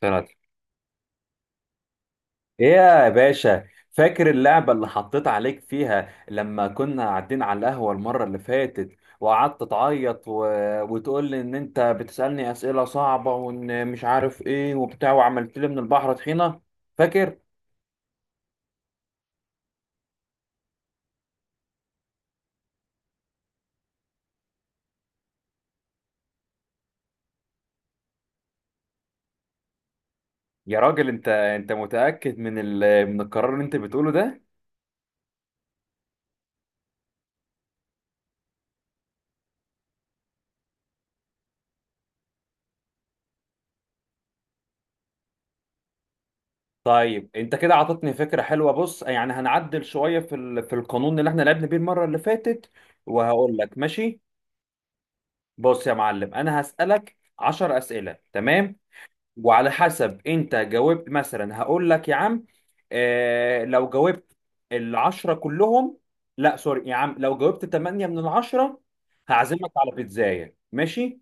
طلعت ايه يا باشا؟ فاكر اللعبة اللي حطيت عليك فيها لما كنا قاعدين على القهوة المرة اللي فاتت وقعدت تعيط و... وتقول لي ان انت بتسألني أسئلة صعبة وان مش عارف ايه وبتاع، وعملت لي من البحر طحينة؟ فاكر؟ يا راجل، انت متأكد من القرار اللي انت بتقوله ده؟ طيب انت كده عطتني فكرة حلوة. بص، يعني هنعدل شوية في القانون اللي احنا لعبنا بيه المرة اللي فاتت، وهقول لك ماشي. بص يا معلم، انا هسألك 10 أسئلة، تمام؟ وعلى حسب انت جاوبت مثلا هقول لك يا عم، لو جاوبت العشرة كلهم، لا سوري يا عم، لو جاوبت 8 من العشرة هعزمك على بيتزاية، ماشي؟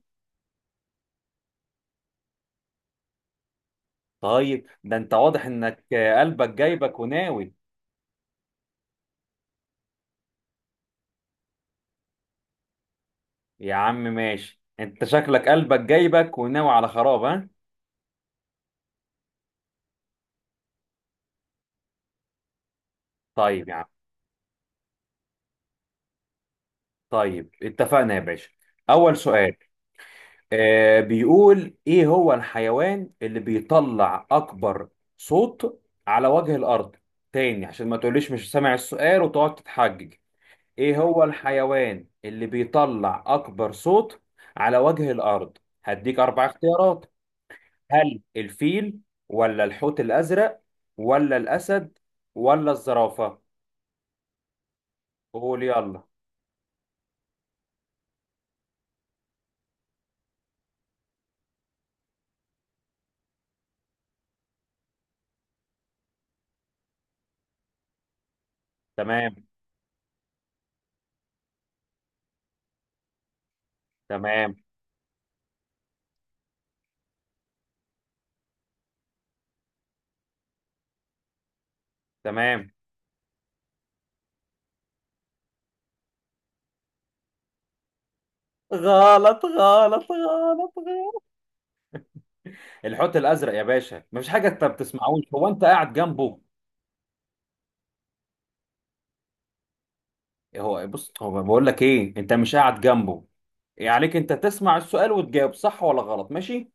طيب ده انت واضح انك قلبك جايبك وناوي. يا عم ماشي، انت شكلك قلبك جايبك وناوي على خراب، ها. طيب يا عم. طيب اتفقنا يا باشا. اول سؤال. بيقول ايه هو الحيوان اللي بيطلع اكبر صوت على وجه الارض. تاني، عشان ما تقوليش مش سامع السؤال وتقعد تتحجج. ايه هو الحيوان اللي بيطلع اكبر صوت على وجه الارض؟ هديك اربع اختيارات. هل الفيل، ولا الحوت الازرق، ولا الاسد، ولا الزرافة؟ قول يلا. تمام، تمام، تمام. غلط، غلط، غلط، غلط. الحوت الازرق يا باشا، مفيش حاجه انت ما بتسمعوش هو انت قاعد جنبه. إيه هو، بص هو بقول لك ايه، انت مش قاعد جنبه. إيه عليك، انت تسمع السؤال وتجاوب صح ولا غلط، ماشي؟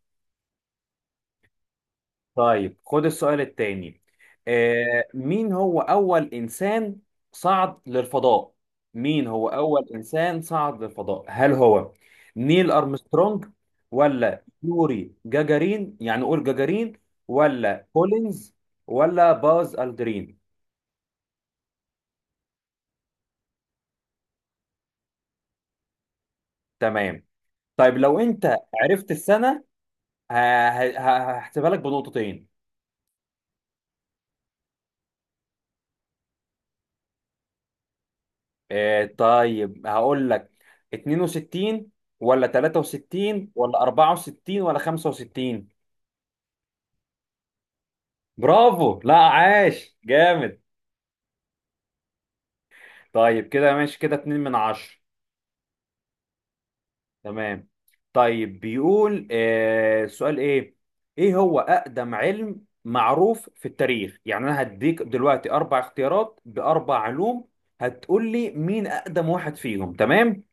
طيب خد السؤال التاني. مين هو اول انسان صعد للفضاء؟ مين هو اول انسان صعد للفضاء؟ هل هو نيل ارمسترونج، ولا يوري جاجارين، يعني قول جاجارين، ولا كولينز، ولا باز الدرين؟ تمام. طيب لو انت عرفت السنة ه- هحسبها لك بنقطتين. طيب هقول لك، 62 ولا 63 ولا 64 ولا 65؟ برافو، لا عاش جامد. طيب كده ماشي، كده 2 من 10. تمام. طيب بيقول، السؤال ايه. ايه هو اقدم علم معروف في التاريخ؟ يعني انا هديك دلوقتي اربع اختيارات باربع علوم، هتقول لي مين اقدم واحد فيهم، تمام؟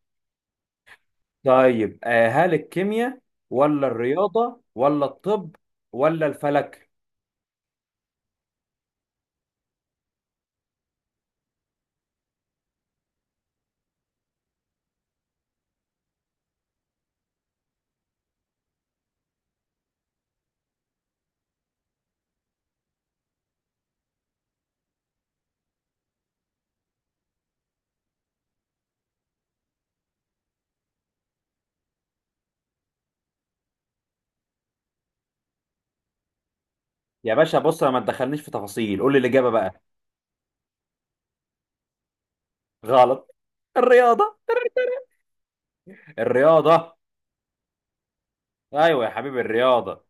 طيب، هل الكيمياء، ولا الرياضة، ولا الطب، ولا الفلك؟ يا باشا بص، أنا ما تدخلنيش في تفاصيل، قول لي الإجابة بقى. غلط. الرياضة. الرياضة. أيوة يا حبيبي، الرياضة.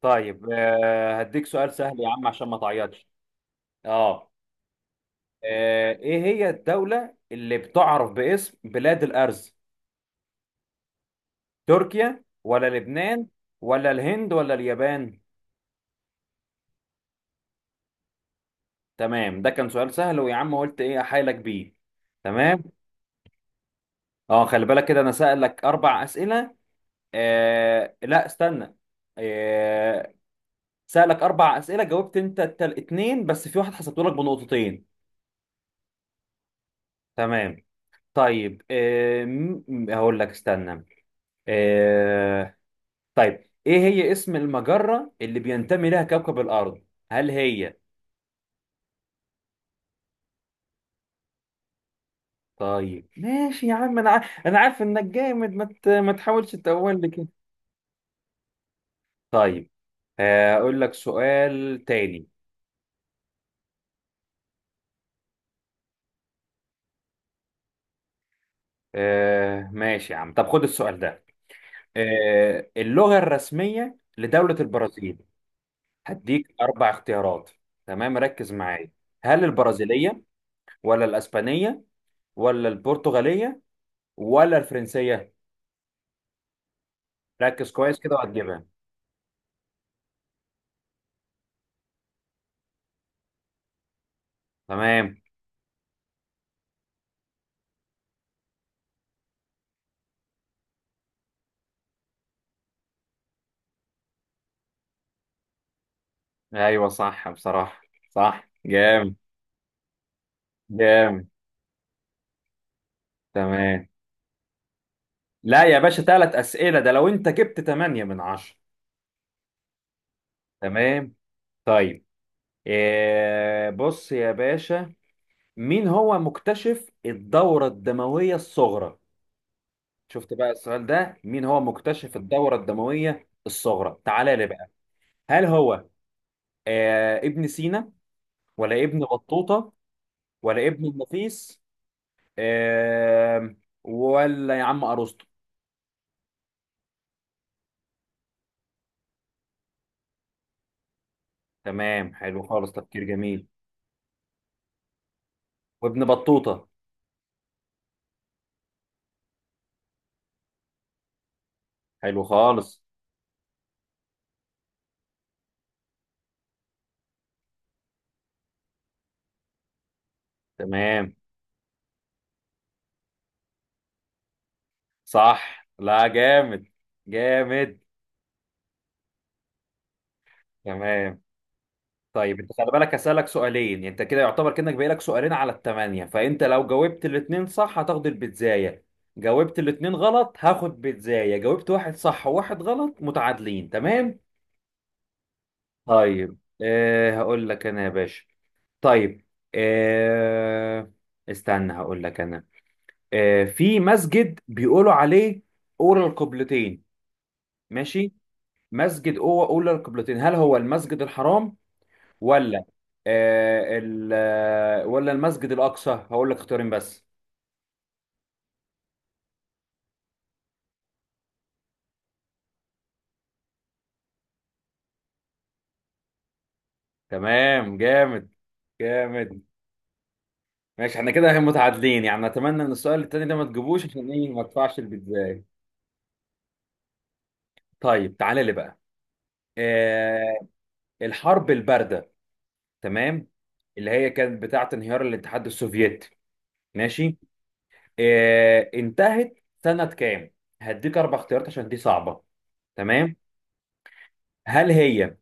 طيب، هديك سؤال سهل يا عم عشان ما تعيطش. اه. ايه هي الدولة اللي بتعرف باسم بلاد الأرز؟ تركيا، ولا لبنان، ولا الهند، ولا اليابان؟ تمام، ده كان سؤال سهل، ويا عم قلت ايه احايلك بيه. تمام. اه خلي بالك كده، انا سألك اربع اسئله. لا استنى. آه سألك اربع اسئله، جاوبت انت اتنين، بس في واحد حسبته لك بنقطتين. تمام. طيب، هقول لك استنى. آه طيب ايه هي اسم المجره اللي بينتمي لها كوكب الارض؟ هل هي. طيب ماشي يا عم، انا عارف انك جامد، ما تحاولش تقول لي كده. طيب، اقول لك سؤال تاني. ماشي يا عم، طب خد السؤال ده. اللغة الرسمية لدولة البرازيل. هديك أربع اختيارات. تمام، ركز معايا. هل البرازيلية، ولا الأسبانية، ولا البرتغالية، ولا الفرنسية؟ ركز كويس كده وهتجيبها. تمام. أيوة صح، بصراحة. صح، جامد. جامد. تمام. لا يا باشا، ثلاث أسئلة ده لو أنت جبت تمانية من عشرة. تمام. طيب، بص يا باشا. مين هو مكتشف الدورة الدموية الصغرى؟ شفت بقى السؤال ده، مين هو مكتشف الدورة الدموية الصغرى؟ تعالى لي بقى. هل هو ابن سينا، ولا ابن بطوطة، ولا ابن النفيس، آه ولا يا عم أرسطو؟ تمام، حلو خالص، تفكير جميل. وابن بطوطة. حلو خالص. تمام. صح، لا جامد. جامد. تمام. طيب انت خلي بالك، هسألك سؤالين، يعني انت كده يعتبر كأنك باقي لك سؤالين على الثمانية، فانت لو جاوبت الاتنين صح هتاخد البيتزاية، جاوبت الاتنين غلط هاخد بيتزاية، جاوبت واحد صح وواحد غلط متعادلين، تمام؟ طيب، هقول لك انا يا باشا. طيب، أه استنى هقول لك انا. في مسجد بيقولوا عليه أولى القبلتين، ماشي؟ مسجد أولى القبلتين، هل هو المسجد الحرام، ولا آه ال آه، ولا المسجد الأقصى؟ هقول لك اختيارين بس. تمام، جامد. جامد. ماشي احنا كده متعادلين، يعني اتمنى ان السؤال التاني ده ما تجيبوش، عشان ايه ما ادفعش البيتزاية. طيب تعالى لي بقى. آه الحرب الباردة، تمام، اللي هي كانت بتاعة انهيار الاتحاد السوفيتي، ماشي؟ انتهت سنة كام؟ هديك اربع اختيارات عشان دي صعبة، تمام. هل هي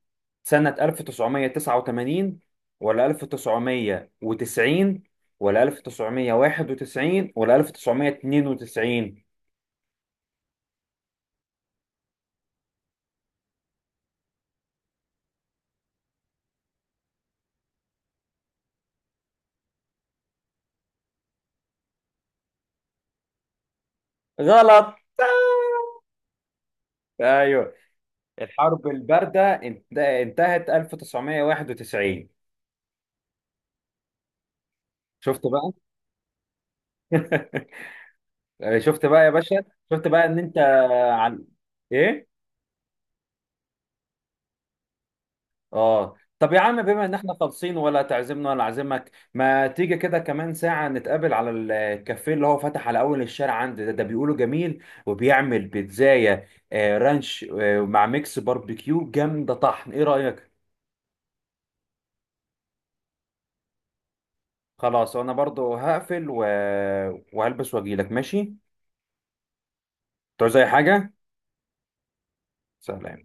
سنة 1989، ولا 1990، ولا 1991، ولا 1992؟ غلط. ايوه. الحرب الباردة انتهت 1991. شفت بقى. شفت بقى يا باشا. شفت بقى ان انت على ايه. اه طب يا عم، بما ان احنا خالصين، ولا تعزمنا ولا اعزمك، ما تيجي كده كمان ساعة نتقابل على الكافيه اللي هو فتح على اول الشارع عندي ده, ده بيقولوا جميل وبيعمل بيتزاية رانش مع ميكس باربيكيو جامدة طحن، ايه رأيك؟ خلاص انا برضو هقفل و... وهلبس واجيلك، ماشي؟ تعوز اي حاجة؟ سلام.